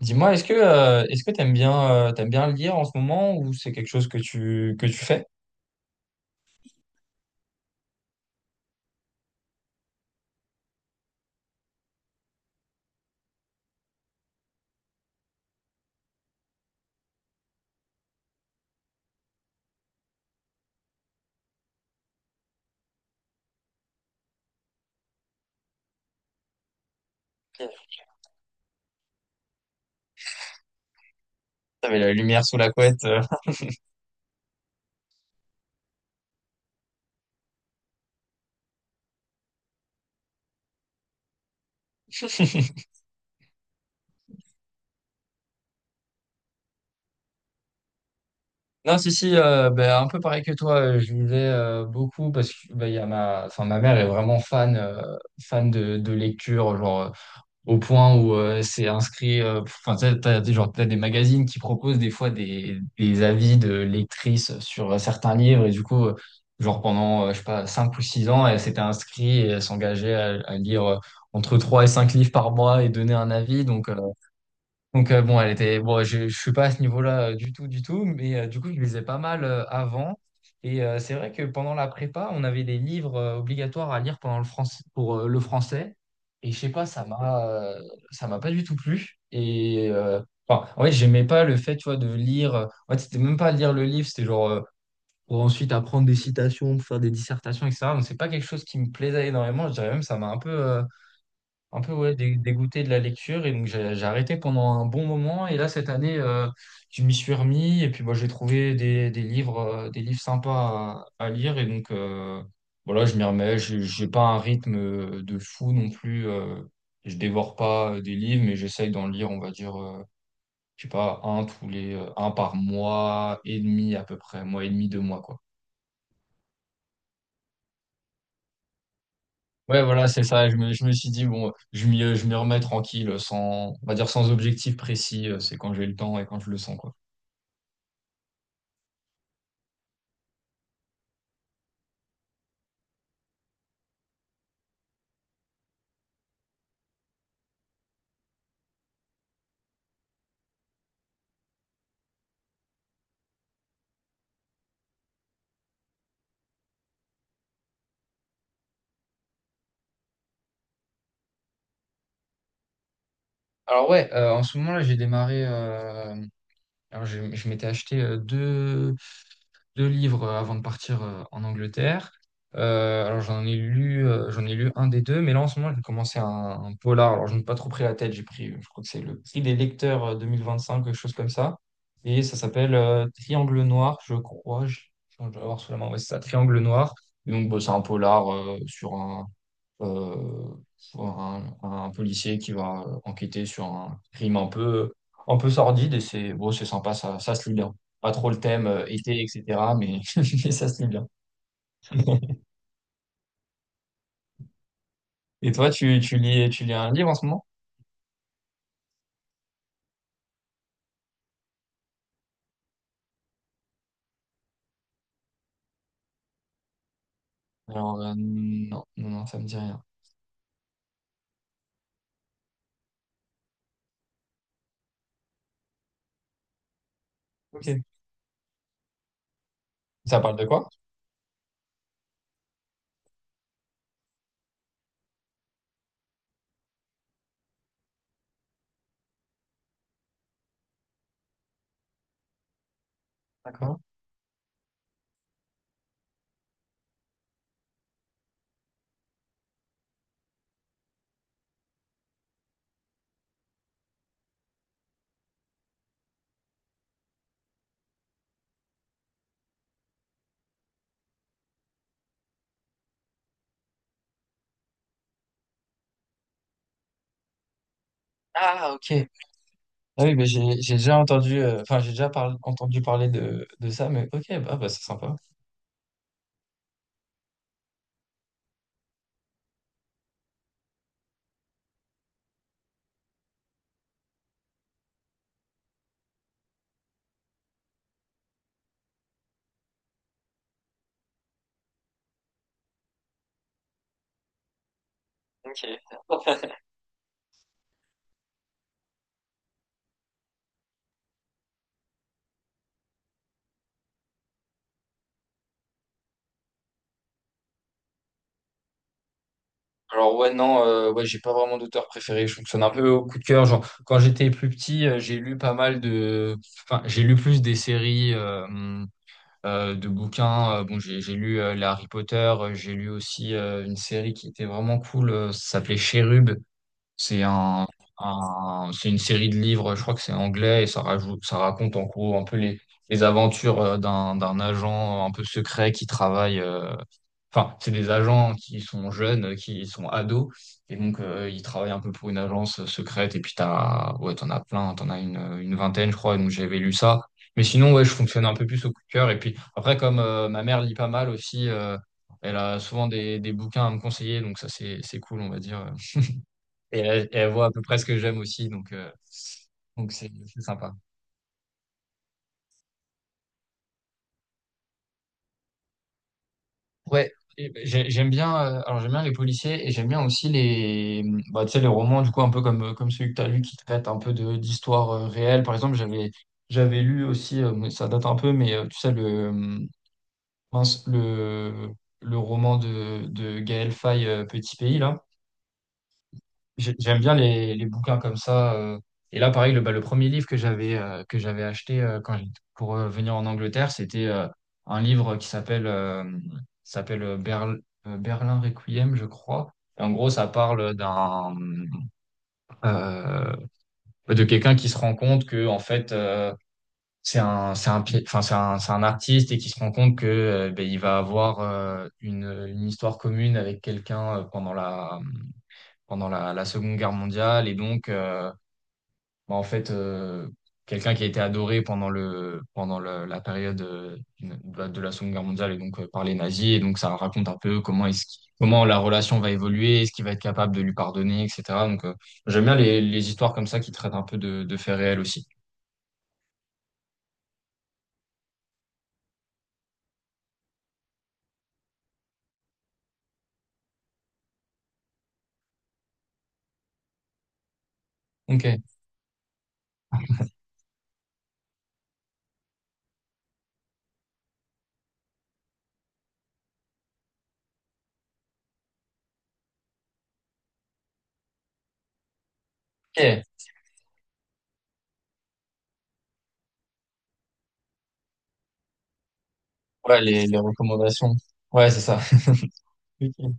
Dis-moi, est-ce que t'aimes bien lire en ce moment ou c'est quelque chose que tu fais? T'avais la lumière sous la couette. Non, si, ben, un peu pareil que toi, je lisais beaucoup parce que ben, il y a ma mère est vraiment fan fan de lecture, genre au point où c'est inscrit. Enfin, genre, t'as des magazines qui proposent des fois des avis de lectrices sur certains livres, et du coup, genre pendant, je sais pas, 5 ou 6 ans, elle s'était inscrite et elle s'engageait à lire entre 3 et 5 livres par mois et donner un avis. Donc, bon, elle était bon, je suis pas à ce niveau-là du tout, mais du coup, je lisais pas mal avant et c'est vrai que pendant la prépa, on avait des livres obligatoires à lire pendant le français pour le français et je sais pas, ça m'a pas du tout plu et enfin, en fait, j'aimais pas le fait, tu vois, de lire en fait, c'était même pas lire le livre, c'était genre pour ensuite apprendre des citations, pour faire des dissertations etc. Donc c'est pas quelque chose qui me plaisait énormément, je dirais même ça m'a un peu ouais, dégoûté de la lecture et donc j'ai arrêté pendant un bon moment et là cette année je m'y suis remis et puis bah, j'ai trouvé des livres sympas à lire et donc voilà je m'y remets j'ai pas un rythme de fou non plus je dévore pas des livres mais j'essaye d'en lire on va dire je sais pas un tous les un par mois et demi à peu près mois et demi deux mois quoi. Ouais, voilà, c'est ça. Je me suis dit, bon, je m'y remets tranquille, sans, on va dire sans objectif précis. C'est quand j'ai le temps et quand je le sens, quoi. Alors ouais, en ce moment là, j'ai démarré. Alors, je m'étais acheté deux livres avant de partir en Angleterre. Alors, j'en ai lu un des deux, mais là, en ce moment, j'ai commencé un polar. Alors, je n'ai pas trop pris la tête. J'ai pris, je crois que c'est le prix des lecteurs 2025, quelque chose comme ça. Et ça s'appelle Triangle Noir, je crois. Je dois l'avoir sous la main. Ouais, c'est ça, Triangle Noir. Et donc, bon, c'est un polar sur un euh, pour un policier qui va enquêter sur un crime un peu sordide et c'est bon, c'est sympa, ça se lit bien. Pas trop le thème été, etc. Mais, mais ça se lit bien. Et toi, tu lis un livre en ce moment? Alors, non, ça me dit rien. Ok. Ça parle de quoi? D'accord. Ah, ok. Ah oui, mais j'ai déjà entendu, enfin, entendu parler de ça, mais ok, bah c'est sympa. Ok. Alors ouais, non, ouais, j'ai pas vraiment d'auteur préféré. Je fonctionne un peu au coup de cœur. Genre, quand j'étais plus petit, j'ai lu pas mal de. Enfin, j'ai lu plus des séries de bouquins. Bon, j'ai lu les Harry Potter. J'ai lu aussi une série qui était vraiment cool. Ça s'appelait Cherub. C'est un, c'est une série de livres, je crois que c'est anglais, et ça raconte en gros un peu les aventures d'un agent un peu secret qui travaille. Enfin, c'est des agents qui sont jeunes, qui sont ados, et donc ils travaillent un peu pour une agence secrète. Et puis t'as, ouais, t'en as plein, une vingtaine, je crois. Et donc j'avais lu ça. Mais sinon, ouais, je fonctionne un peu plus au coup de cœur. Et puis après, comme ma mère lit pas mal aussi, elle a souvent des bouquins à me conseiller, donc ça c'est cool, on va dire. Et elle voit à peu près ce que j'aime aussi, donc donc c'est sympa. Ouais, et ben, j'aime bien. Alors j'aime bien les policiers et j'aime bien aussi les, bah, tu sais, les romans du coup un peu comme comme celui que t'as lu qui traite un peu de d'histoire réelle. Par exemple, j'avais lu aussi, mais ça date un peu, mais tu sais euh, le le roman de Gaël Faye, Petit Pays là. J'aime bien les bouquins comme ça. Et là, pareil, le, bah, le premier livre que j'avais acheté quand pour venir en Angleterre, c'était un livre qui s'appelle Berlin Requiem, je crois. Et en gros, ça parle d'un euh, de quelqu'un qui se rend compte que en fait c'est un enfin c'est un artiste et qui se rend compte que ben, il va avoir une histoire commune avec quelqu'un pendant la Seconde Guerre mondiale et donc bah, en fait, quelqu'un qui a été adoré pendant pendant la période de la Seconde Guerre mondiale et donc par les nazis. Et donc, ça raconte un peu comment comment la relation va évoluer, est-ce qu'il va être capable de lui pardonner, etc. Donc, j'aime bien les histoires comme ça qui traitent un peu de faits réels aussi. Ok. Ok. Ouais, les recommandations. Ouais, c'est ça. Ok.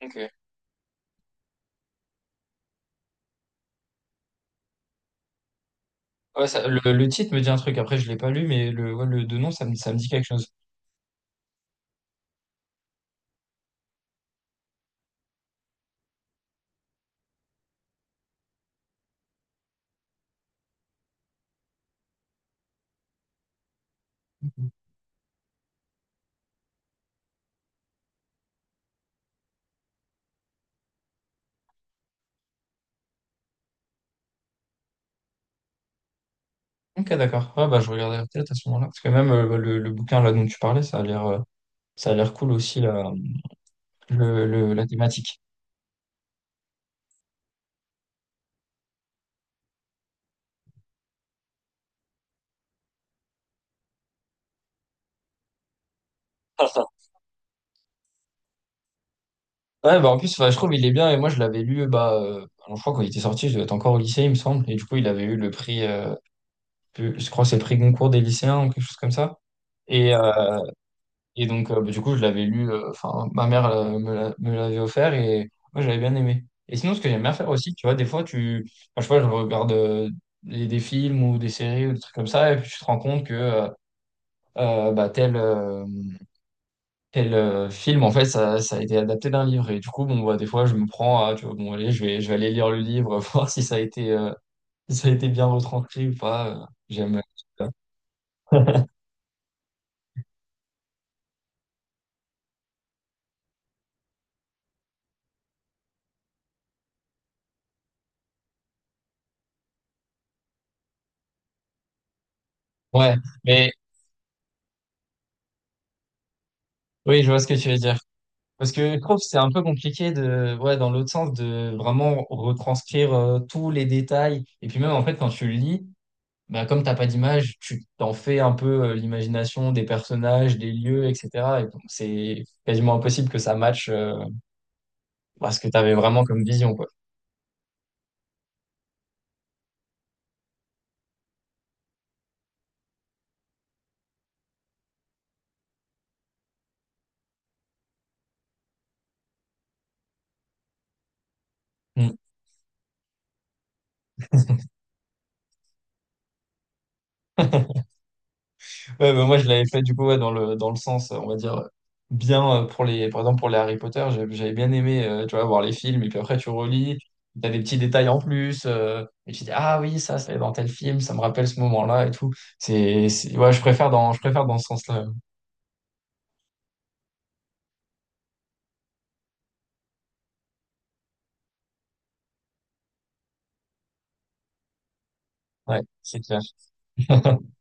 Ok. Ouais, ça- le titre me dit un truc. Après, je l'ai pas lu, mais le, ouais, le, de nom, ça me dit quelque chose. Ok, d'accord. Ouais, bah, je regarderai peut-être à ce moment-là. Parce que même le bouquin là dont tu parlais, ça a l'air cool aussi la, la thématique. Ouais, bah en plus, enfin, je trouve il est bien. Et moi, je l'avais lu, bah, alors, je crois quand il était sorti, je devais être encore au lycée, il me semble. Et du coup, il avait eu le prix, je crois que c'est le prix Goncourt des lycéens ou quelque chose comme ça. Et, euh, Et donc, bah, du coup, je l'avais lu, enfin, ma mère me l'a- me l'avait offert et moi, j'avais bien aimé. Et sinon, ce que j'aime bien faire aussi, tu vois, des fois, tu, enfin, je sais pas, je regarde des films ou des séries ou des trucs comme ça, et puis tu te rends compte que bah, tel film, en fait, ça a été adapté d'un livre. Et du coup, bon, bah, des fois, je me prends à, tu vois, bon, allez, je vais aller lire le livre, voir si ça a été, si ça a été bien retranscrit ou pas. J'aime. Ouais, mais oui, je vois ce que tu veux dire. Parce que je trouve que c'est un peu compliqué de, ouais, dans l'autre sens, de vraiment retranscrire tous les détails. Et puis même, en fait, quand tu le lis, bah, comme t'as pas d'image, tu t'en fais un peu l'imagination des personnages, des lieux, etc. Et donc, c'est quasiment impossible que ça matche bah, ce que tu avais vraiment comme vision, quoi. Mm. Ouais, bah, moi je l'avais fait du coup ouais, dans le sens on va dire bien pour les par exemple pour les Harry Potter j'avais bien aimé tu vois voir les films et puis après tu relis t'as des petits détails en plus et tu dis ah oui ça c'est dans tel film ça me rappelle ce moment-là et tout ouais je préfère dans ce sens-là. Ouais c'est clair.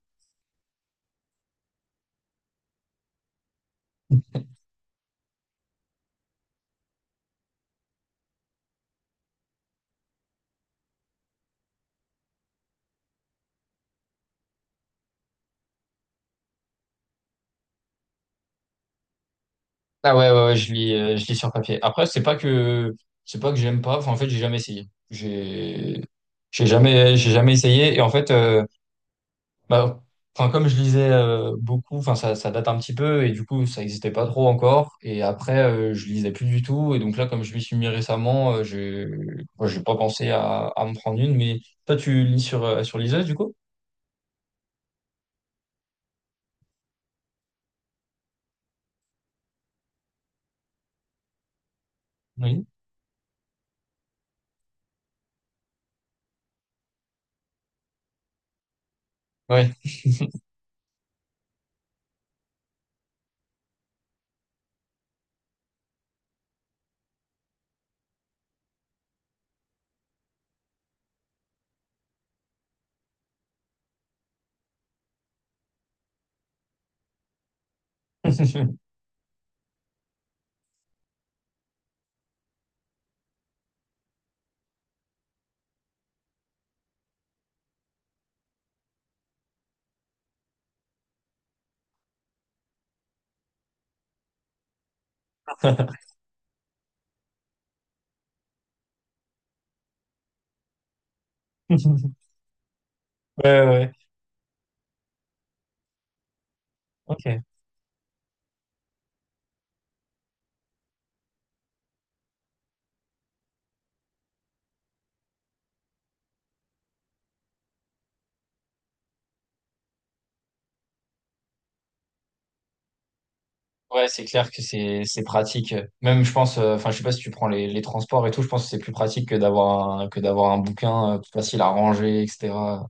Ah ouais ouais, je lis sur papier après c'est pas que j'aime pas enfin en fait j'ai jamais essayé j'ai jamais j'ai jamais essayé et en fait bah, enfin, comme je lisais beaucoup, enfin, ça date un petit peu et du coup, ça n'existait pas trop encore. Et après, je lisais plus du tout. Et donc là, comme je m'y suis mis récemment, je moi, j'ai pas pensé à me prendre une. Mais toi, tu lis sur, sur liseuse, du coup? Oui. Ouais. Ouais, ouais. Ouais. Ok. Ouais, c'est clair que c'est pratique. Même, je pense, enfin, je sais pas si tu prends les transports et tout, je pense que c'est plus pratique que d'avoir un bouquin plus facile à ranger, etc.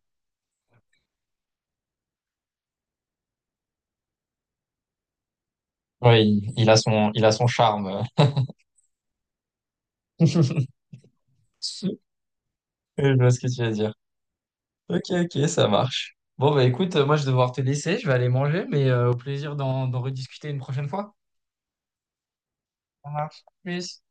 Ouais, il a son charme. Oui, je vois ce que tu veux dire. Ok, ok, ça marche. Bon, bah écoute, moi je vais devoir te laisser, je vais aller manger, mais au plaisir d'en rediscuter une prochaine fois. Ça marche. Plus.